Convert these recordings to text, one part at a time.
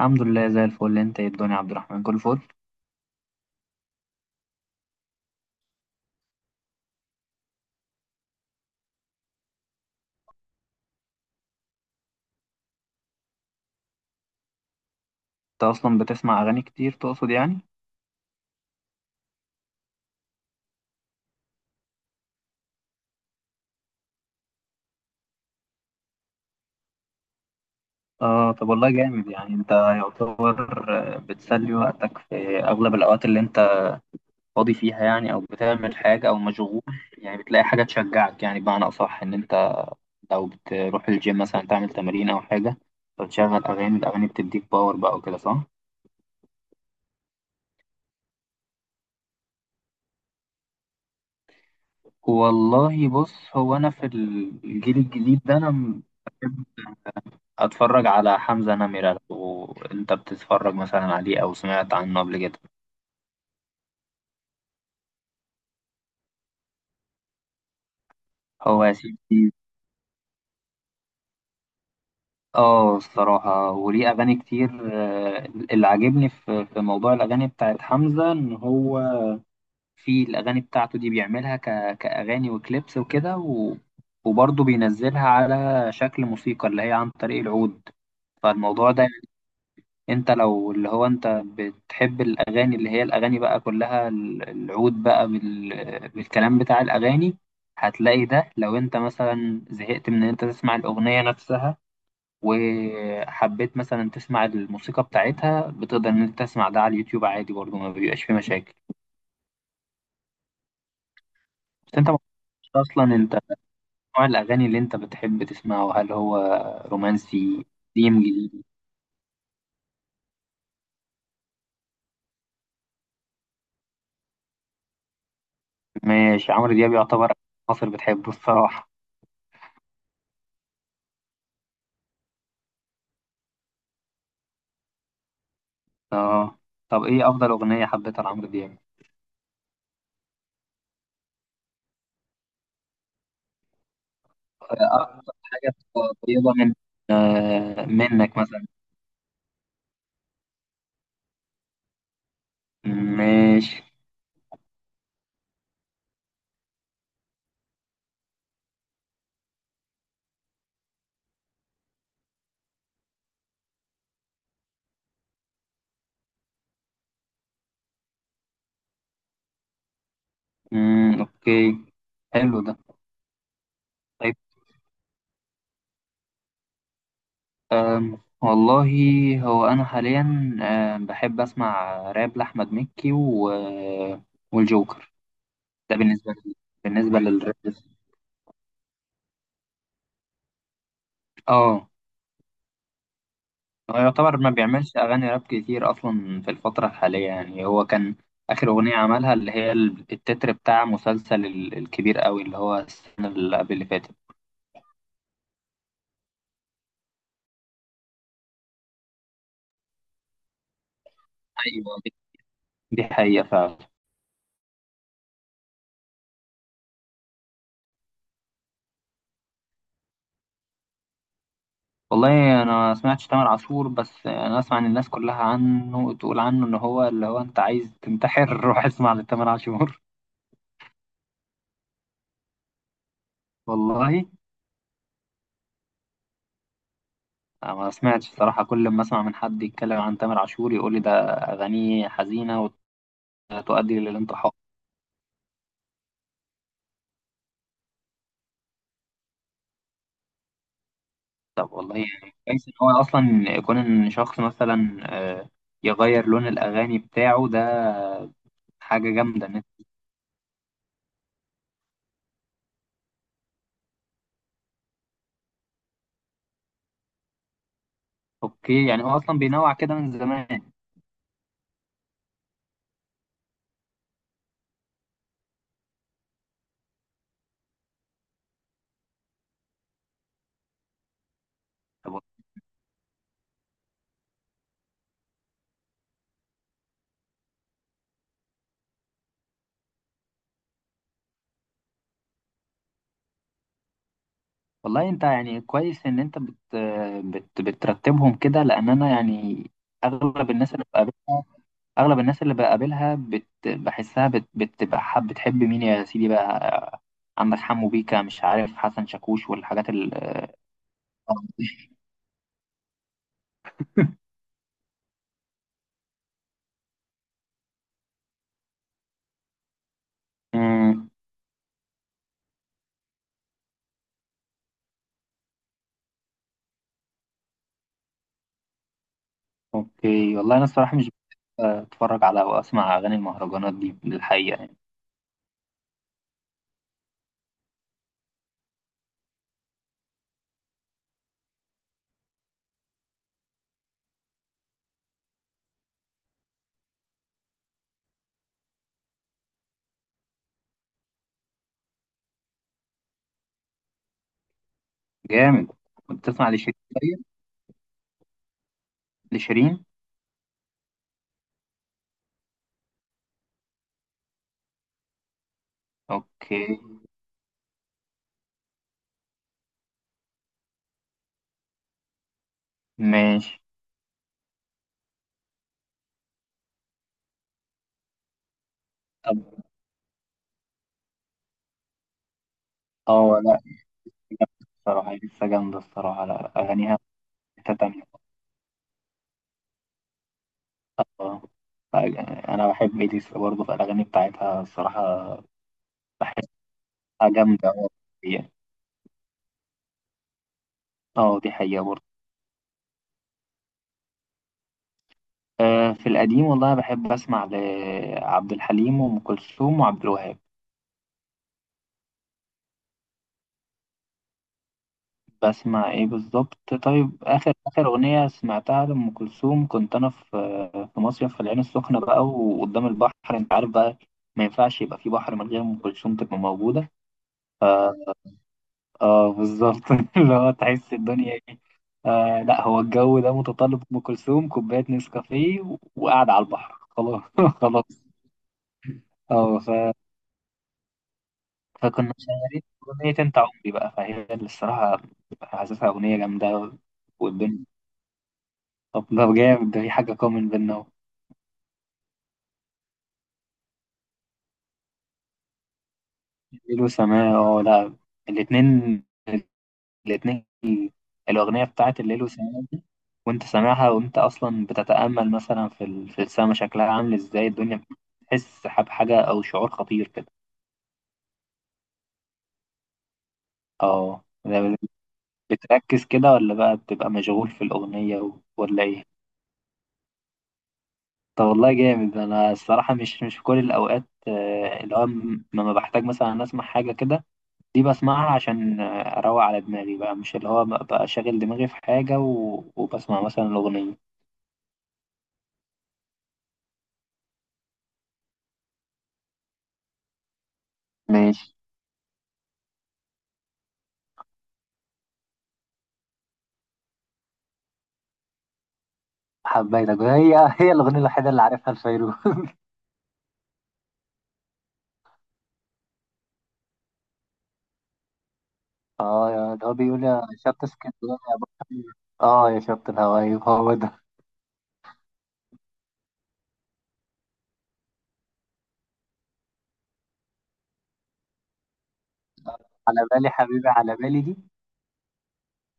الحمد لله زي الفل. انت ايه الدنيا يا عبد الرحمن؟ كل فل. انت اصلا بتسمع اغاني كتير تقصد يعني؟ اه طب والله جامد. يعني انت يعتبر بتسلي وقتك في اغلب الاوقات اللي انت فاضي فيها يعني، او بتعمل حاجه او مشغول يعني، بتلاقي حاجه تشجعك. يعني بمعنى اصح ان انت لو بتروح الجيم مثلا تعمل تمارين او حاجه فتشغل اغاني، الاغاني بتديك باور بقى وكده، صح؟ والله بص، هو انا في الجيل الجديد ده انا اتفرج على حمزة نمرة. لو انت بتتفرج مثلا عليه او سمعت عنه قبل كده. هو يا سيدي. اه الصراحة، وليه اغاني كتير. اللي عاجبني في موضوع الاغاني بتاعت حمزة ان هو في الاغاني بتاعته دي بيعملها كاغاني وكليبس وكده، وبرضه بينزلها على شكل موسيقى اللي هي عن طريق العود. فالموضوع ده انت لو اللي هو انت بتحب الاغاني اللي هي الاغاني بقى كلها العود بقى بالكلام بتاع الاغاني، هتلاقي ده لو انت مثلا زهقت من ان انت تسمع الاغنية نفسها وحبيت مثلا تسمع الموسيقى بتاعتها، بتقدر ان انت تسمع ده على اليوتيوب عادي برضو، ما بيبقاش فيه مشاكل. بس انت ما تعرفش اصلا انت نوع الاغاني اللي انت بتحب تسمعه، هل هو رومانسي، قديم، جديد؟ ماشي، عمرو دياب يعتبر مصر بتحبه الصراحة. اه طب ايه افضل اغنيه حبيتها لعمرو دياب؟ اكتر حاجه قريبه من آه منك مثلا. ماشي. مم. اوكي، حلو ده. طيب والله، هو انا حاليا بحب اسمع راب لاحمد مكي و... آه، والجوكر. ده بالنسبه لي، بالنسبه للراب. اه، هو يعتبر ما بيعملش أغاني راب كتير أصلا في الفترة الحالية. يعني هو كان آخر أغنية عملها اللي هي التتر بتاع مسلسل الكبير قوي اللي هو السنة اللي قبل اللي فاتت. أيوة، دي دي حقيقة فعلا. والله أنا ما سمعتش تامر عاشور، بس أنا أسمع إن الناس كلها عنه تقول عنه إن هو اللي هو أنت عايز تنتحر روح اسمع لتامر عاشور. والله أنا ما سمعتش صراحة، كل ما أسمع من حد يتكلم عن تامر عاشور يقول لي ده أغانيه حزينة وتؤدي للانتحار. طب والله يعني كويس ان هو اصلا يكون ان شخص مثلا يغير لون الاغاني بتاعه ده، حاجه جامده ان انت. اوكي، يعني هو اصلا بينوع كده من زمان. طب والله انت يعني كويس ان انت بت بترتبهم كده، لان انا يعني اغلب الناس اللي بقابلها، اغلب الناس اللي بقابلها بحسها بتبقى حب، بتحب مين يا سيدي بقى؟ عندك حمو بيكا، مش عارف حسن شاكوش والحاجات ال اوكي، والله انا الصراحه مش اتفرج على او اسمع اغاني المهرجانات دي للحقيقه يعني. جامد. كنت تسمع لشيرين؟ طيب. لشيرين. اوكي. ماشي. طب اه لا، جامدة الصراحه، هي لسه جامده الصراحه، لا اغانيها في حته تانية. آه. ف- انا بحب اليسا برضه، في الاغاني بتاعتها الصراحه بحسها جامده أوي يعني. اه دي حقيقه برضه. آه في القديم والله بحب اسمع لعبد الحليم وام كلثوم وعبد الوهاب. بسمع ايه بالظبط؟ طيب، اخر اغنيه سمعتها لام كلثوم، كنت انا في مصيف في العين السخنه بقى، وقدام البحر انت عارف بقى، ما ينفعش يبقى في بحر من غير ام كلثوم تبقى موجوده. ف اه بالظبط اللي هو تحس الدنيا ايه. آه لا، هو الجو ده متطلب ام كلثوم، كوبايه نسكافيه، وقاعد على البحر، خلاص خلاص. اه فكنا شغالين اغنيه انت عمري بقى، فهي اللي الصراحه حاسسها اغنيه جامده والدنيا. طب ده جامد، ده في حاجة كومن بينا اهو. ليل وسماء، اه لا الاتنين، الاتنين. الأغنية بتاعت الليل وسماء دي، وأنت سامعها وأنت أصلا بتتأمل مثلا في السما شكلها عامل إزاي الدنيا، بتحس بحاجة أو شعور خطير كده. اه ده بتركز كده، ولا بقى بتبقى مشغول في الأغنية ولا إيه؟ طب والله جامد. أنا الصراحة مش في كل الأوقات، اللي هو لما بحتاج مثلا أسمع حاجة كده دي بسمعها عشان اروق على دماغي بقى، مش اللي هو بقى شاغل دماغي في حاجة وبسمع مثلا الأغنية. ماشي. حبيتك، هي هي الأغنية الوحيدة اللي عارفها لفيروز. اه ده هو بيقول يا شط اسكندرية يا بحر. اه يا شط الهوايب هو ده. على بالي حبيبي، على بالي دي.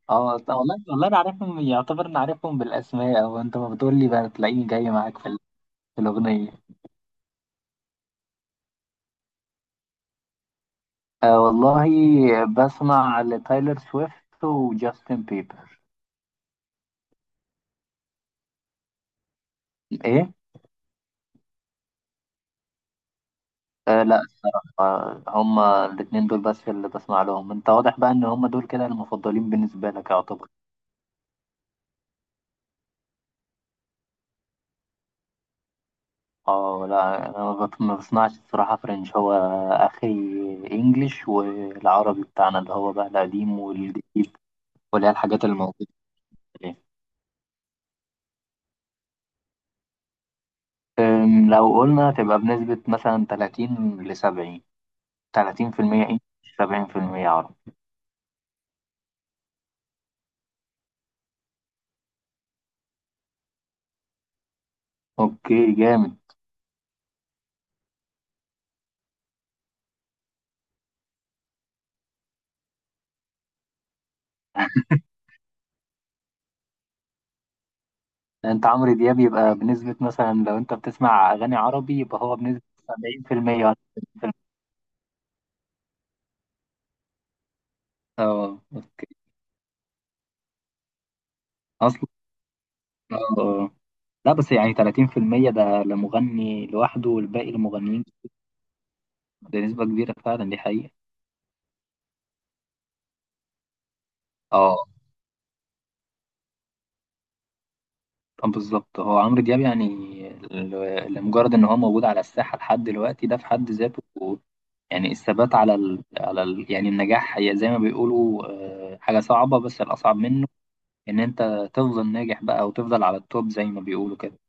اه طب والله والله انا عارفهم يعتبر، انا عارفهم بالاسماء، او انت ما بتقول لي بقى تلاقيني جاي معاك في الاغنيه. آه والله بسمع لتايلر سويفت وجاستن بيبر. ايه؟ لا هما الاتنين دول بس اللي بسمع لهم. انت واضح بقى ان هما دول كده المفضلين بالنسبة لك يعتبر. اه لا انا ما بسمعش الصراحة فرنش، هو اخري انجليش والعربي بتاعنا اللي هو بقى القديم والجديد واللي هي الحاجات اللي موجودة دي. لو قلنا تبقى بنسبة مثلا 30 ل 70، 30% انجليش، 70% عربي. اوكي جامد. انت عمرو دياب يبقى بنسبة مثلا، لو انت بتسمع اغاني عربي يبقى هو بنسبة 70% ولا 30%؟ اه اصلا، آه، لا بس يعني 30% ده لمغني لوحده والباقي لمغنيين، ده نسبة كبيرة فعلا، دي حقيقة. اه بالظبط، هو عمرو دياب يعني، لمجرد ان هو موجود على الساحة لحد دلوقتي ده في حد ذاته يعني الثبات على يعني النجاح، هي زي ما بيقولوا حاجة صعبة، بس الأصعب منه ان انت تفضل ناجح بقى وتفضل على التوب زي ما بيقولوا كده.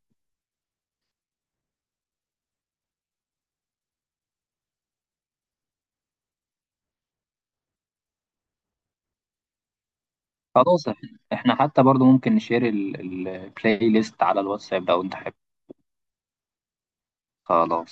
خلاص، احنا إحنا حتى برضو ممكن نشير البلاي ليست على الواتساب لو انت حابب. خلاص.